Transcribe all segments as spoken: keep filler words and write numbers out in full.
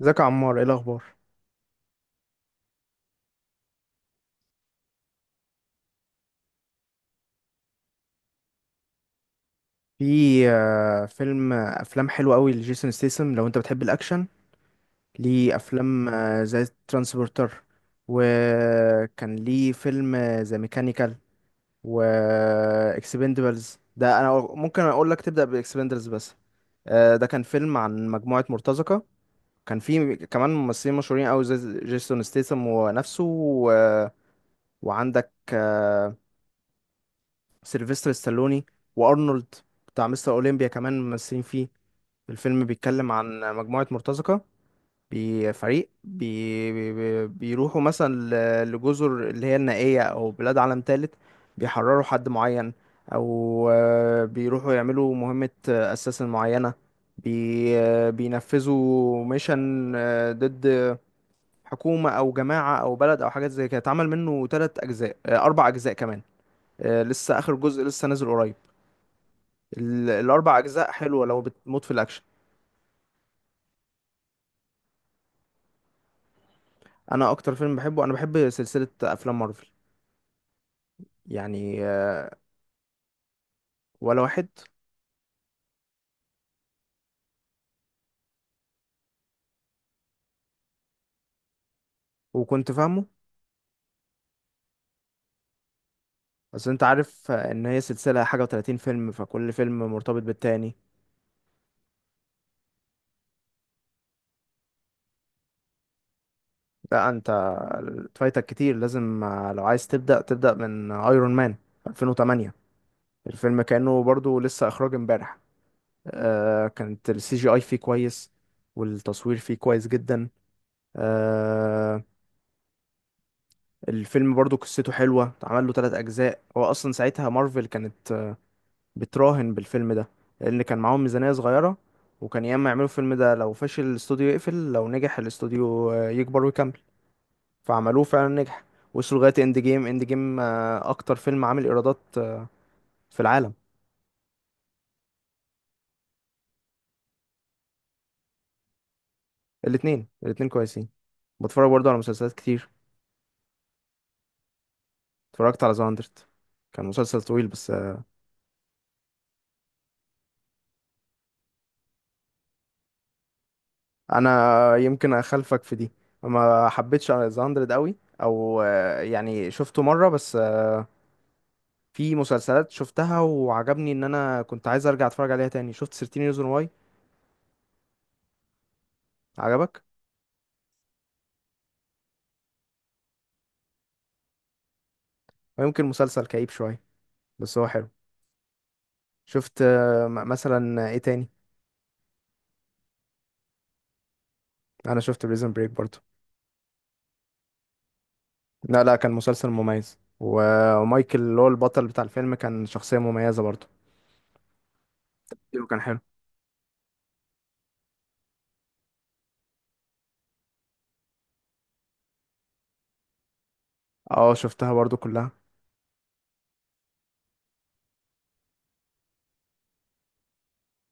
ازيك يا عمار، ايه الاخبار؟ في آه، فيلم آه، افلام حلوه قوي لجيسون ستيسم لو انت بتحب الاكشن. ليه افلام آه، زي ترانسبورتر، وكان ليه فيلم آه، زي ميكانيكال، و آه، اكسبندبلز ده انا ممكن اقول لك تبدا باكسبندبلز. بس آه، ده كان فيلم عن مجموعه مرتزقه. كان فيه كمان ممثلين مشهورين قوي زي جيسون ستيسم ونفسه و... وعندك آه، سيلفستر ستالوني وارنولد بتاع مستر اولمبيا، كمان ممثلين فيه. الفيلم بيتكلم عن مجموعة مرتزقة بفريق بي بي بي- بيروحوا مثلا ل- لجزر اللي هي النائية او بلاد عالم تالت، بيحرروا حد معين، او آه، بيروحوا يعملوا مهمة آه، اساس معينة، بي آه، بينفذوا ميشن آه، ضد حكومة او جماعة او بلد او حاجات زي كده. اتعمل منه تلات اجزاء، آه، اربع اجزاء كمان. آه، لسه اخر جزء لسه نازل قريب. ال- الاربع اجزاء حلوه لو بتموت في الاكشن. انا اكتر فيلم بحبه، انا بحب سلسله افلام مارفل. يعني آه، ولا واحد. وكنت فاهمه. بس انت عارف آه، ان هي سلسله حاجه و30 فيلم، فكل فيلم مرتبط بالتاني. لا انت فايتك كتير، لازم آه، لو عايز تبدا تبدا من ايرون مان ألفين وثمانية. الفيلم كانه برضو لسه اخراج امبارح. آه، كانت السي جي اي فيه كويس، والتصوير فيه كويس جدا. آه الفيلم برضو قصته حلوة، اتعمل له تلات أجزاء. هو أصلا ساعتها مارفل كانت آه، بتراهن بالفيلم ده، لأن كان معاهم ميزانية صغيرة، وكان ياما يعملوا الفيلم ده. لو فشل، الاستوديو يقفل، لو نجح، الاستوديو آه، يكبر ويكمل. فعملوه، فعلا نجح. وصلوا لغاية اند جيم. اند جيم أكتر فيلم عامل إيرادات آه، في العالم. الاتنين الاتنين كويسين. بتفرج برضو على مسلسلات كتير. اتفرجت على ذا مية، كان مسلسل طويل بس. انا يمكن اخالفك في دي، ما حبيتش ذا مية قوي، او آه، يعني شفته مره بس. آه، في مسلسلات شفتها وعجبني ان انا كنت عايز ارجع اتفرج عليها تاني. شفت تلتاشر ريزون واي. عجبك. ويمكن مسلسل كئيب شويه، بس هو حلو. شفت آه، م- مثلا ايه تاني؟ انا شفت بريزن بريك برضو. لا، لا، كان مسلسل مميز، و- ومايكل اللي هو البطل بتاع الفيلم كان شخصيه مميزه برضو. كان حلو. اه، شفتها برضو كلها.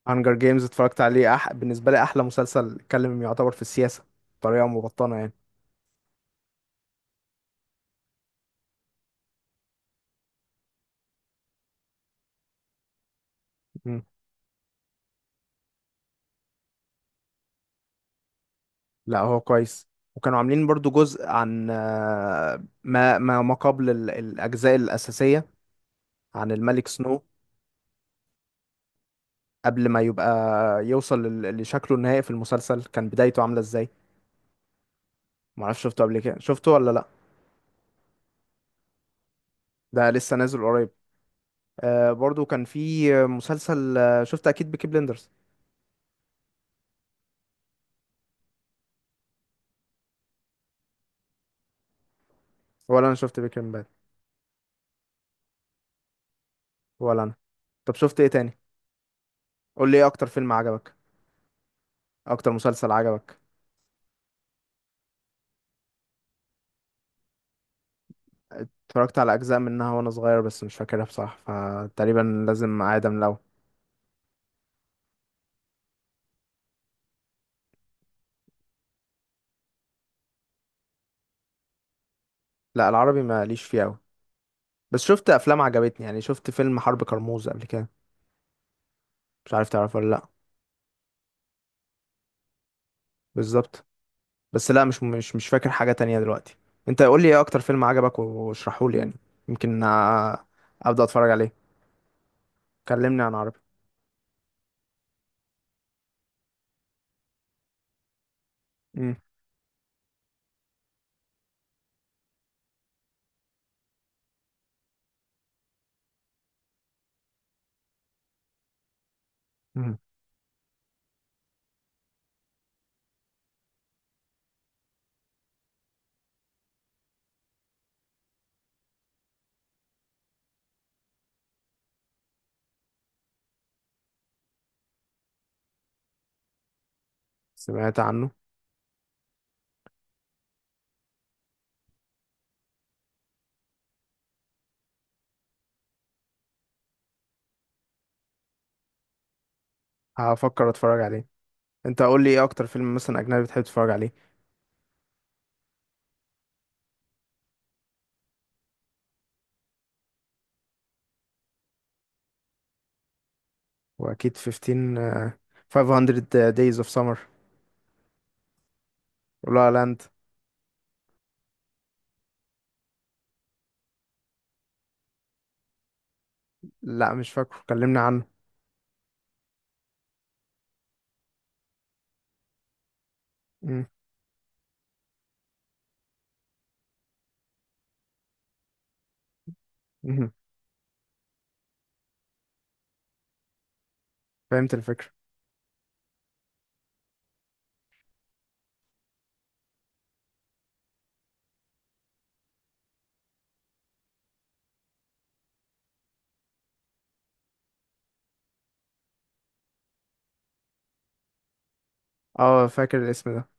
هانجر جيمز اتفرجت عليه. أح... بالنسبة لي، أحلى مسلسل اتكلم يعتبر في السياسة بطريقة مبطنة يعني. مم. لا، هو كويس، وكانوا عاملين برضو جزء عن آه، ما ما ما قبل ال- الأجزاء الأساسية، عن الملك سنو، قبل ما يبقى يوصل لل- لشكله النهائي في المسلسل، كان بدايته عاملة ازاي. معرفش شفته قبل كده، شفته ولا لا؟ ده لسه نازل قريب. آه برضو كان في مسلسل. آه، شفت أكيد بيكي بلندرز؟ ولا أنا شفت بيكي بلندرز، ولا أنا. طب شفت إيه تاني؟ قول لي إيه أكتر فيلم عجبك، اكتر مسلسل عجبك. اتفرجت على اجزاء منها وانا صغير، بس مش فاكرها بصراحه، فتقريبا لازم اعيدها من الاول. لا، العربي ماليش فيه قوي، بس شفت افلام عجبتني. يعني شفت فيلم حرب كرموز قبل كده، مش عارف تعرفه ولا لا؟ بالظبط. بس لا، مش مش مش فاكر حاجه تانية دلوقتي. انت قول لي ايه اكتر فيلم عجبك واشرحه لي يعني. يمكن آه، ابدا اتفرج عليه. كلمني عن عربي. امم. سمعت عنه. هفكر اتفرج عليه. انت قول لي ايه اكتر فيلم مثلا اجنبي بتحب تتفرج عليه. واكيد خمستاشر. آه، five hundred days of summer، ولا لاند. لا، مش فاكره، كلمنا عنه. مم. مم. فهمت الفكرة. اه، فاكر الاسم ده.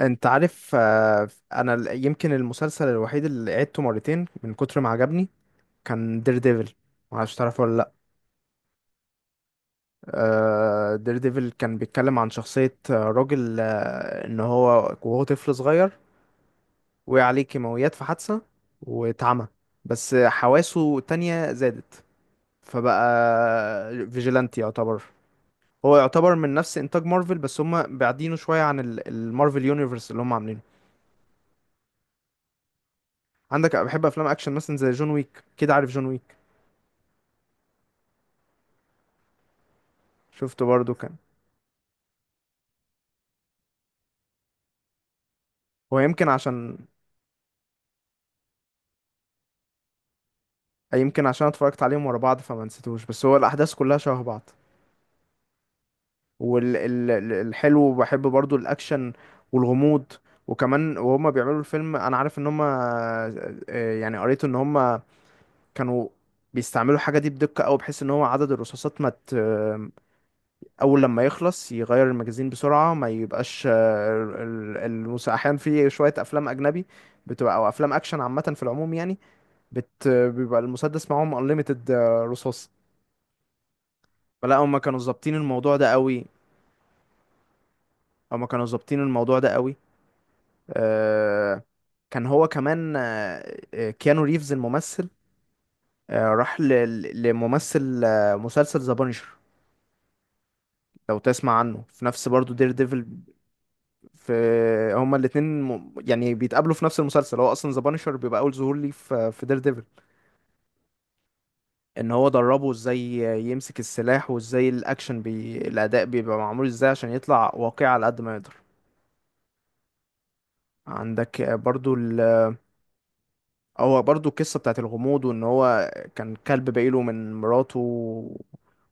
انت عارف آه، انا ال- يمكن المسلسل الوحيد اللي عدته مرتين من كتر ما عجبني كان دير ديفل. معرفش تعرفه ولا لا؟ آه، دير ديفل كان بيتكلم عن شخصية آه، راجل، آه، ان هو وهو طفل صغير وقع عليه كيماويات في حادثة واتعمى، بس حواسه تانية زادت، فبقى فيجيلانتي يعتبر. هو يعتبر من نفس انتاج مارفل، بس هم بعدينه شويه عن ال- المارفل يونيفرس اللي هم عاملينه. عندك بحب افلام اكشن مثلا زي جون ويك، كده عارف جون ويك؟ شفته برضو. كان هو يمكن عشان يمكن عشان اتفرجت عليهم ورا بعض، فما نسيتوش. بس هو الاحداث كلها شبه بعض. والحلو بحب برضو الاكشن والغموض، وكمان وهما بيعملوا الفيلم، انا عارف ان هما آه، يعني قريت ان هما كانوا بيستعملوا الحاجة دي بدقة أوي، بحيث إن هو عدد الرصاصات ما ت... أول لما يخلص يغير المجازين بسرعة، ما يبقاش آه، ال- المس... أحيانا في شوية أفلام أجنبي بتبقى أو أفلام أكشن عامة في العموم يعني، بت... بيبقى المسدس معاهم unlimited آه، رصاص. فلا، هما كانوا ظابطين الموضوع ده أوي، هما كانوا ظابطين الموضوع ده أوي. آه، كان هو كمان آه، آه، كيانو ريفز الممثل آه، راح ل... ل- لممثل آه، مسلسل ذا بانشر، لو تسمع عنه، في نفس برضو دير ديفل. في هما الاتنين م- يعني بيتقابلوا في نفس المسلسل. هو اصلا ذا بانشر بيبقى اول ظهور ليه في في دير ديفل. ان هو دربه ازاي يمسك السلاح، وازاي الاكشن بي... الاداء بيبقى معمول ازاي عشان يطلع واقعي على قد ما يقدر. عندك برضو ال... هو برضو القصة بتاعت الغموض، وان هو كان كلب باقيله من مراته،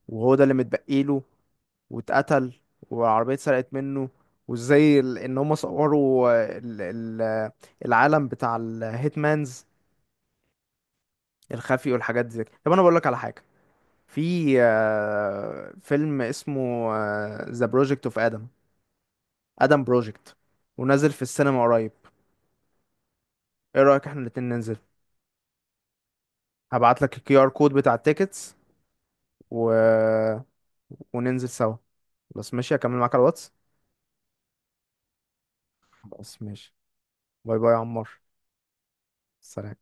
وهو ده اللي متبقيله واتقتل، والعربية اتسرقت منه، وازاي ال- ان هم صوروا ال- ال- العالم بتاع الهيتمانز الخفي والحاجات دي. طب انا بقول لك على حاجة، في آه، فيلم اسمه ذا بروجكت اوف ادم، ادم بروجكت، ونازل في السينما قريب. ايه رأيك احنا الاتنين ننزل؟ هبعت لك الكي ار كود بتاع التيكتس. و وننزل سوا، بس ماشي، اكمل معاك على الواتس. بس ماشي. باي باي يا عمار. سلام.